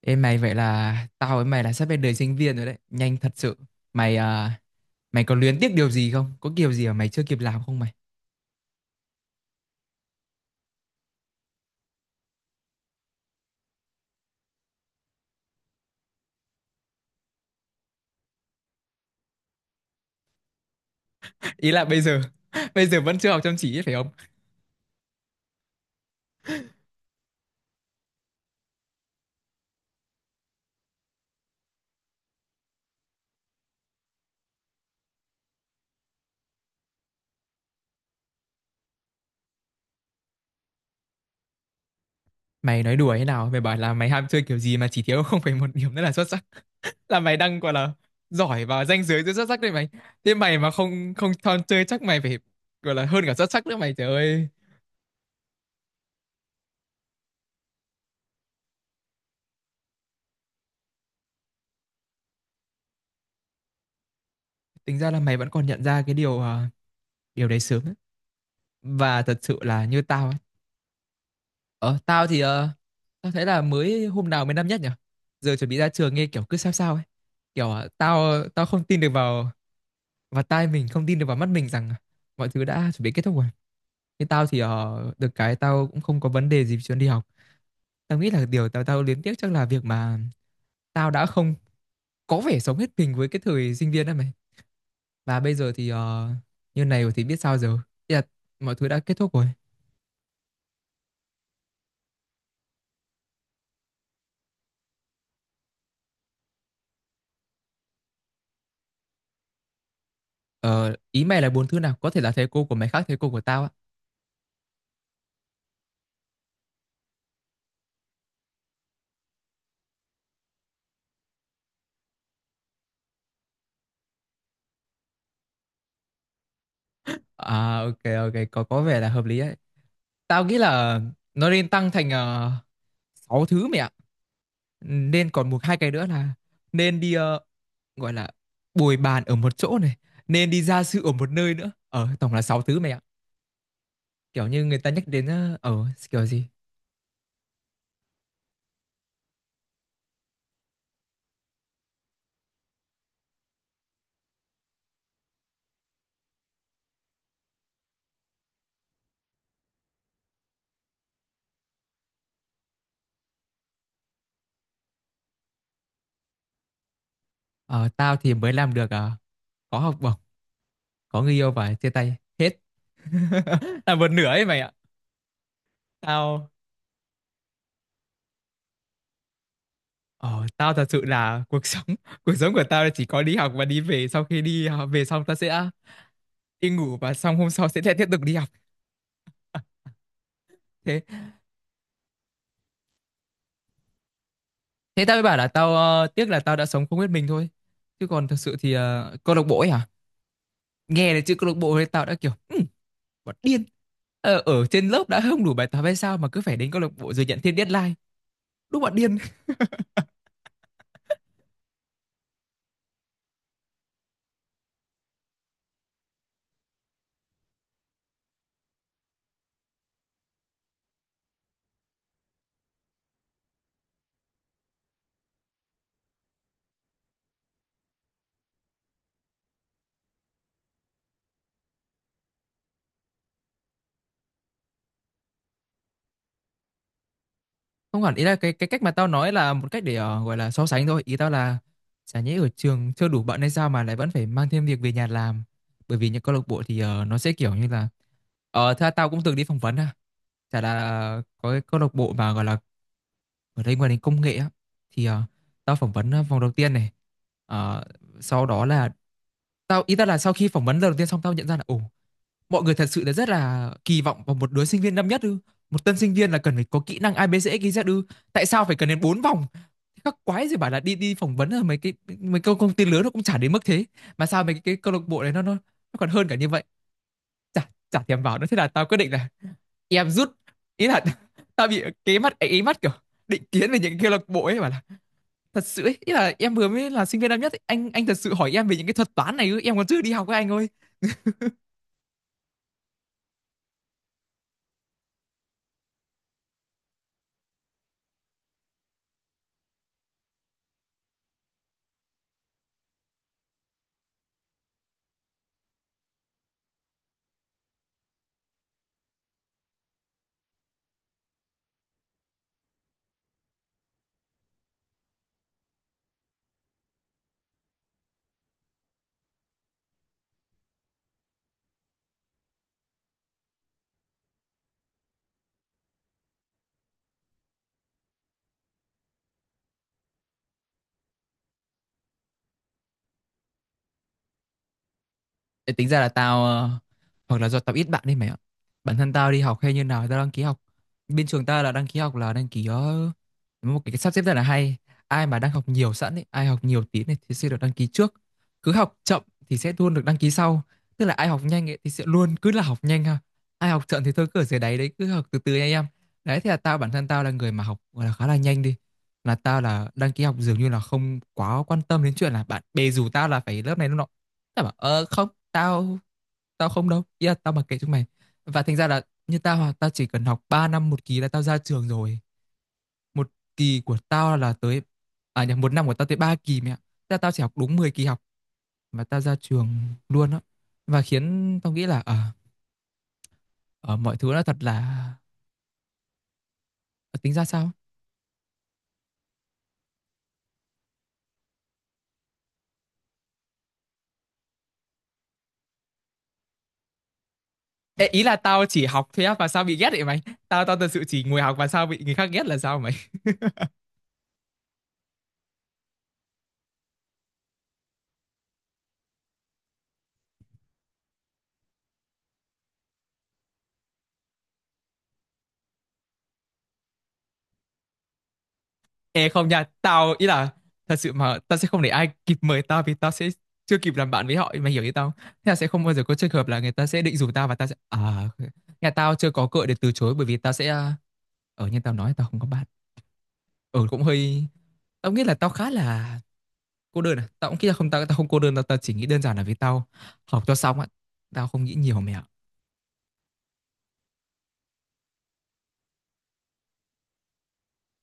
Ê mày, vậy là tao với mày là sắp bên đời sinh viên rồi đấy, nhanh thật sự. Mày à, mày có luyến tiếc điều gì không? Có kiểu gì mà mày chưa kịp làm không mày? Ý là bây giờ bây giờ vẫn chưa học chăm chỉ ấy, phải không? Mày nói đùa thế nào? Mày bảo là mày ham chơi kiểu gì mà chỉ thiếu không phải một điểm nữa là xuất sắc. Là mày đang gọi là giỏi và ranh giới giữa xuất sắc đấy mày. Thế mày mà không không chọn chơi chắc mày phải gọi là hơn cả xuất sắc nữa mày, trời ơi. Tính ra là mày vẫn còn nhận ra điều đấy sớm ấy. Và thật sự là như tao. Ờ, tao thì tao thấy là mới hôm nào mới năm nhất nhỉ? Giờ chuẩn bị ra trường nghe kiểu cứ sao sao ấy. Kiểu tao tao không tin được vào vào tai mình, không tin được vào mắt mình rằng mọi thứ đã chuẩn bị kết thúc rồi. Nhưng tao thì được cái tao cũng không có vấn đề gì về chuyện đi học. Tao nghĩ là điều tao tao luyến tiếc chắc là việc mà tao đã không có vẻ sống hết mình với cái thời sinh viên đó mày. Và bây giờ thì như này rồi thì biết sao giờ. Ý là mọi thứ đã kết thúc rồi. Ờ, ý mày là bốn thứ nào? Có thể là thầy cô của mày khác thầy cô của tao ạ. À, ok ok, có vẻ là hợp lý đấy. Tao nghĩ là nó nên tăng thành 6 thứ mẹ ạ. Nên còn một hai cái nữa là nên đi gọi là bồi bàn ở một chỗ này, nên đi gia sư ở một nơi nữa. Ờ, tổng là 6 thứ mẹ ạ. Kiểu như người ta nhắc đến kiểu gì? Ờ, tao thì mới làm được có học bổng, có người yêu và chia tay hết. Là một nửa ấy mày ạ. Tao. Ờ, tao thật sự là cuộc sống cuộc sống của tao là chỉ có đi học và đi về, sau khi đi học về xong tao sẽ đi ngủ và xong hôm sau sẽ lại tiếp tục đi học. Thế thế tao mới bảo là tao tiếc là tao đã sống không biết mình thôi, chứ còn thật sự thì câu lạc bộ ấy à, nghe đến chữ câu lạc bộ thì tao đã kiểu bọn điên, ở trên lớp đã không đủ bài tập hay sao mà cứ phải đến câu lạc bộ rồi nhận thêm deadline, đúng bọn điên. Không hẳn, ý là cái cách mà tao nói là một cách để gọi là so sánh thôi, ý tao là chả nhẽ ở trường chưa đủ bận hay sao mà lại vẫn phải mang thêm việc về nhà làm, bởi vì những câu lạc bộ thì nó sẽ kiểu như là, ờ thế là tao cũng từng đi phỏng vấn ha. Chả là có cái câu lạc bộ mà gọi là ở đây ngoài đến công nghệ á, thì tao phỏng vấn vòng đầu tiên này. Ờ, sau đó là tao ý tao là sau khi phỏng vấn lần đầu tiên xong tao nhận ra là ồ, mọi người thật sự là rất là kỳ vọng vào một đứa sinh viên năm nhất ư, một tân sinh viên là cần phải có kỹ năng ABCD XYZ ư, tại sao phải cần đến bốn vòng, các quái gì bảo là đi đi phỏng vấn ở mấy cái mấy câu công ty lớn nó cũng chả đến mức thế, mà sao cái câu lạc bộ đấy nó còn hơn cả như vậy, chả chả thèm vào nữa, thế là tao quyết định là em rút. Ý là tao bị cái mắt ấy mắt kiểu định kiến về những cái câu lạc bộ ấy bảo là thật sự ấy, ý là em vừa mới là sinh viên năm nhất ấy, anh thật sự hỏi em về những cái thuật toán này ư, em còn chưa đi học với anh ơi. Ê, tính ra là tao hoặc là do tao ít bạn đi mày ạ, bản thân tao đi học hay như nào thì tao đăng ký học, bên trường tao là đăng ký học là đăng ký một cái sắp xếp rất là hay, ai mà đang học nhiều sẵn ấy, ai học nhiều tí này thì sẽ được đăng ký trước, cứ học chậm thì sẽ luôn được đăng ký sau, tức là ai học nhanh ấy thì sẽ luôn cứ là học nhanh ha, ai học chậm thì thôi cứ ở dưới đáy đấy cứ học từ từ nha em. Đấy thì là tao, bản thân tao là người mà học gọi là khá là nhanh đi, là tao là đăng ký học dường như là không quá quan tâm đến chuyện là bạn bè rủ tao là phải lớp này lớp nọ. Tao bảo ờ không tao, không đâu, ý là tao mặc kệ chúng mày, và thành ra là như tao à, tao chỉ cần học 3 năm một kỳ là tao ra trường rồi. Một kỳ của tao là tới, à nhầm, một năm của tao tới 3 kỳ mẹ, ra tao chỉ học đúng 10 kỳ học mà tao ra trường luôn á. Và khiến tao nghĩ là ờ, mọi thứ nó thật là, ờ, tính ra sao. Ê, ý là tao chỉ học thôi á mà sao bị ghét vậy mày, tao tao thật sự chỉ ngồi học mà sao bị người khác ghét là sao mày. Ê không nha, tao ý là thật sự mà tao sẽ không để ai kịp mời tao vì tao sẽ chưa kịp làm bạn với họ, mày hiểu ý tao không? Thế là sẽ không bao giờ có trường hợp là người ta sẽ định rủ tao và tao sẽ à, nhà tao chưa có cựa để từ chối, bởi vì tao sẽ à, ở như tao nói tao không có bạn. Ở cũng hơi, tao nghĩ là tao khá là cô đơn à. Tao cũng nghĩ là không, tao tao không cô đơn, tao tao chỉ nghĩ đơn giản là vì tao học cho xong á. Tao không nghĩ nhiều mẹ ạ.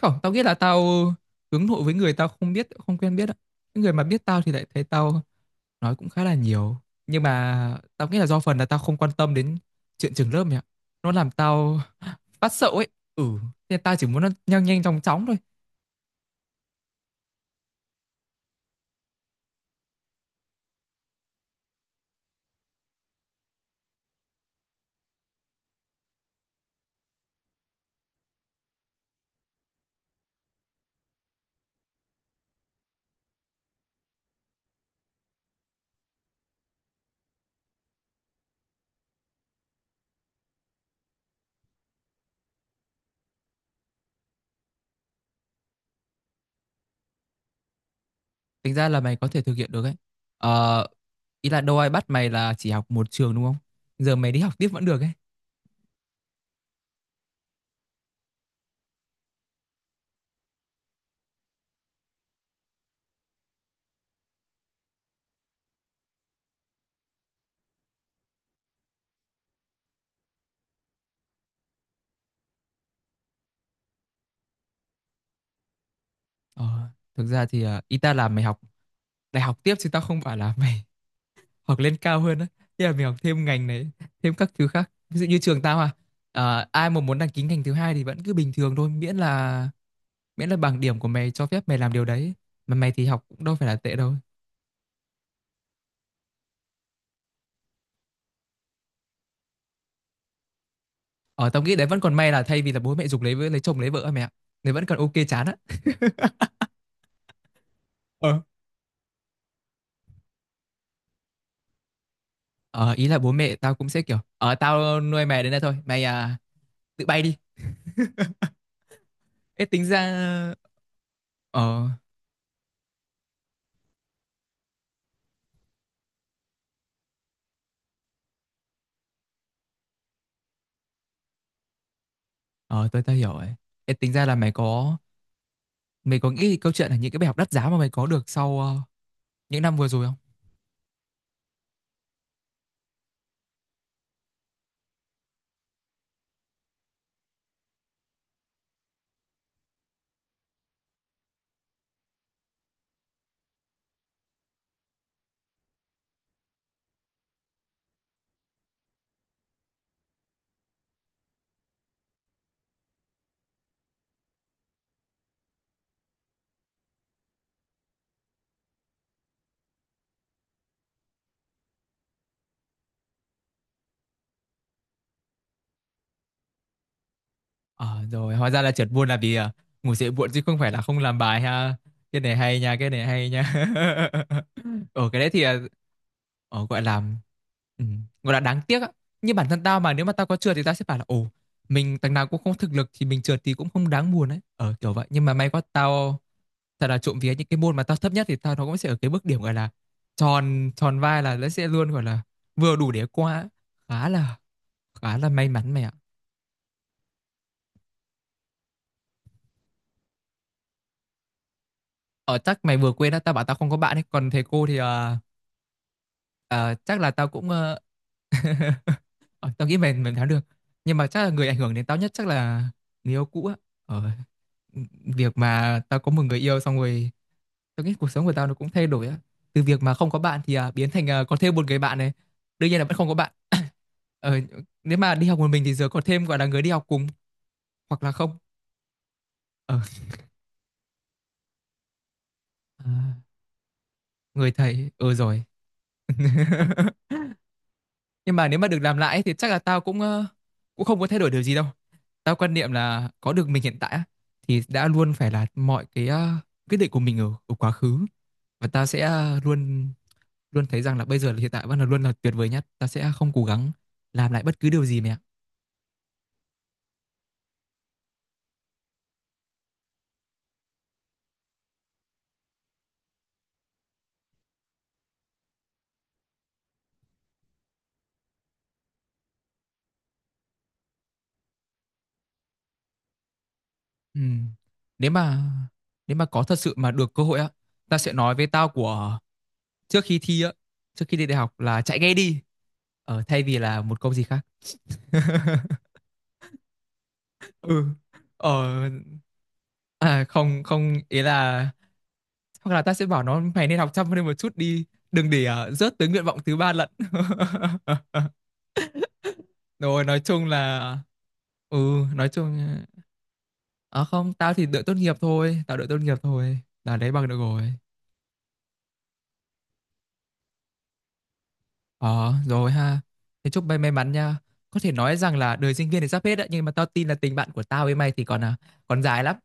Không, tao nghĩ là tao hướng nội với người tao không biết không quen biết ạ. Những người mà biết tao thì lại thấy tao nói cũng khá là nhiều, nhưng mà tao nghĩ là do phần là tao không quan tâm đến chuyện trường lớp mày ạ, nó làm tao phát sợ ấy. Ừ, nên tao chỉ muốn nó nhanh nhanh chóng chóng thôi. Tính ra là mày có thể thực hiện được ấy, ờ, ý là đâu ai bắt mày là chỉ học một trường đúng không, giờ mày đi học tiếp vẫn được ấy. Ờ, thực ra thì ý ta là mày học đại học tiếp chứ tao không phải là mày học lên cao hơn á. Thế là mày học thêm ngành này thêm các thứ khác, ví dụ như trường tao à, ai mà muốn đăng ký ngành thứ hai thì vẫn cứ bình thường thôi, miễn là bằng điểm của mày cho phép mày làm điều đấy, mà mày thì học cũng đâu phải là tệ đâu. Ở tao nghĩ đấy vẫn còn may là thay vì là bố mẹ giục lấy vợ- lấy chồng lấy vợ á mẹ ạ, vẫn còn ok chán á. Ờ. Ờ ý là bố mẹ tao cũng sẽ kiểu ờ tao nuôi mày đến đây thôi mày à, tự bay đi. Ê tính ra, ờ ờ, tôi tao hiểu rồi. Ê tính ra là mày có nghĩ câu chuyện là những cái bài học đắt giá mà mày có được sau những năm vừa rồi không? Ờ, rồi hóa ra là trượt buôn là vì à, ngủ dậy muộn chứ không phải là không làm bài ha. Cái này hay nha, cái này hay nha. Ở cái đấy thì à, gọi là ừ, gọi là đáng tiếc á. Như bản thân tao mà nếu mà tao có trượt thì tao sẽ bảo là ồ, mình thằng nào cũng không thực lực thì mình trượt thì cũng không đáng buồn ấy. Ờ kiểu vậy, nhưng mà may quá tao thật là trộm vía, những cái môn mà tao thấp nhất thì tao nó cũng sẽ ở cái mức điểm gọi là tròn tròn vai, là nó sẽ luôn gọi là vừa đủ để qua. Khá là khá là may mắn mày ạ. Ở chắc mày vừa quên á, tao bảo tao không có bạn ấy. Còn thầy cô thì ờ, chắc là tao cũng ờ, tao nghĩ mình thắng được. Nhưng mà chắc là người ảnh hưởng đến tao nhất chắc là người yêu cũ á. Ờ, việc mà tao có một người yêu xong rồi tao nghĩ cuộc sống của tao nó cũng thay đổi á. Từ việc mà không có bạn thì biến thành có thêm một người bạn này. Đương nhiên là vẫn không có bạn. Ờ, nếu mà đi học một mình thì giờ có thêm gọi là người đi học cùng, hoặc là không. Ờ, à, người thầy, ừ rồi. Nhưng mà nếu mà được làm lại ấy thì chắc là tao cũng cũng không có thay đổi điều gì đâu. Tao quan niệm là có được mình hiện tại á, thì đã luôn phải là mọi cái quyết định của mình ở quá khứ, và tao sẽ luôn luôn thấy rằng là bây giờ là hiện tại vẫn là luôn là tuyệt vời nhất, tao sẽ không cố gắng làm lại bất cứ điều gì mẹ ạ. Ừ. nếu mà nếu mà có thật sự mà được cơ hội á, tao sẽ nói với tao của trước khi thi á, trước khi đi đại học là chạy ngay đi, thay vì là một câu gì khác. Ừ, ờ, à, không không, ý là hoặc là ta sẽ bảo nó mày nên học chăm lên một chút đi, đừng để rớt tới nguyện vọng thứ ba lận. Rồi nói chung là, ừ nói chung, à không, tao thì đợi tốt nghiệp thôi, là lấy bằng được rồi. Ờ rồi ha, thế chúc mày may mắn nha. Có thể nói rằng là đời sinh viên thì sắp hết đấy, nhưng mà tao tin là tình bạn của tao với mày thì còn à, còn dài lắm,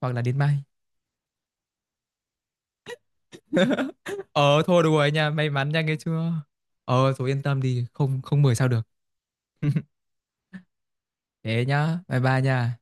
hoặc là đến mai. Ờ thôi được rồi nha, may mắn nha nghe chưa. Ờ rồi yên tâm đi, không không mười sao được. Thế nhá, bye bye nha.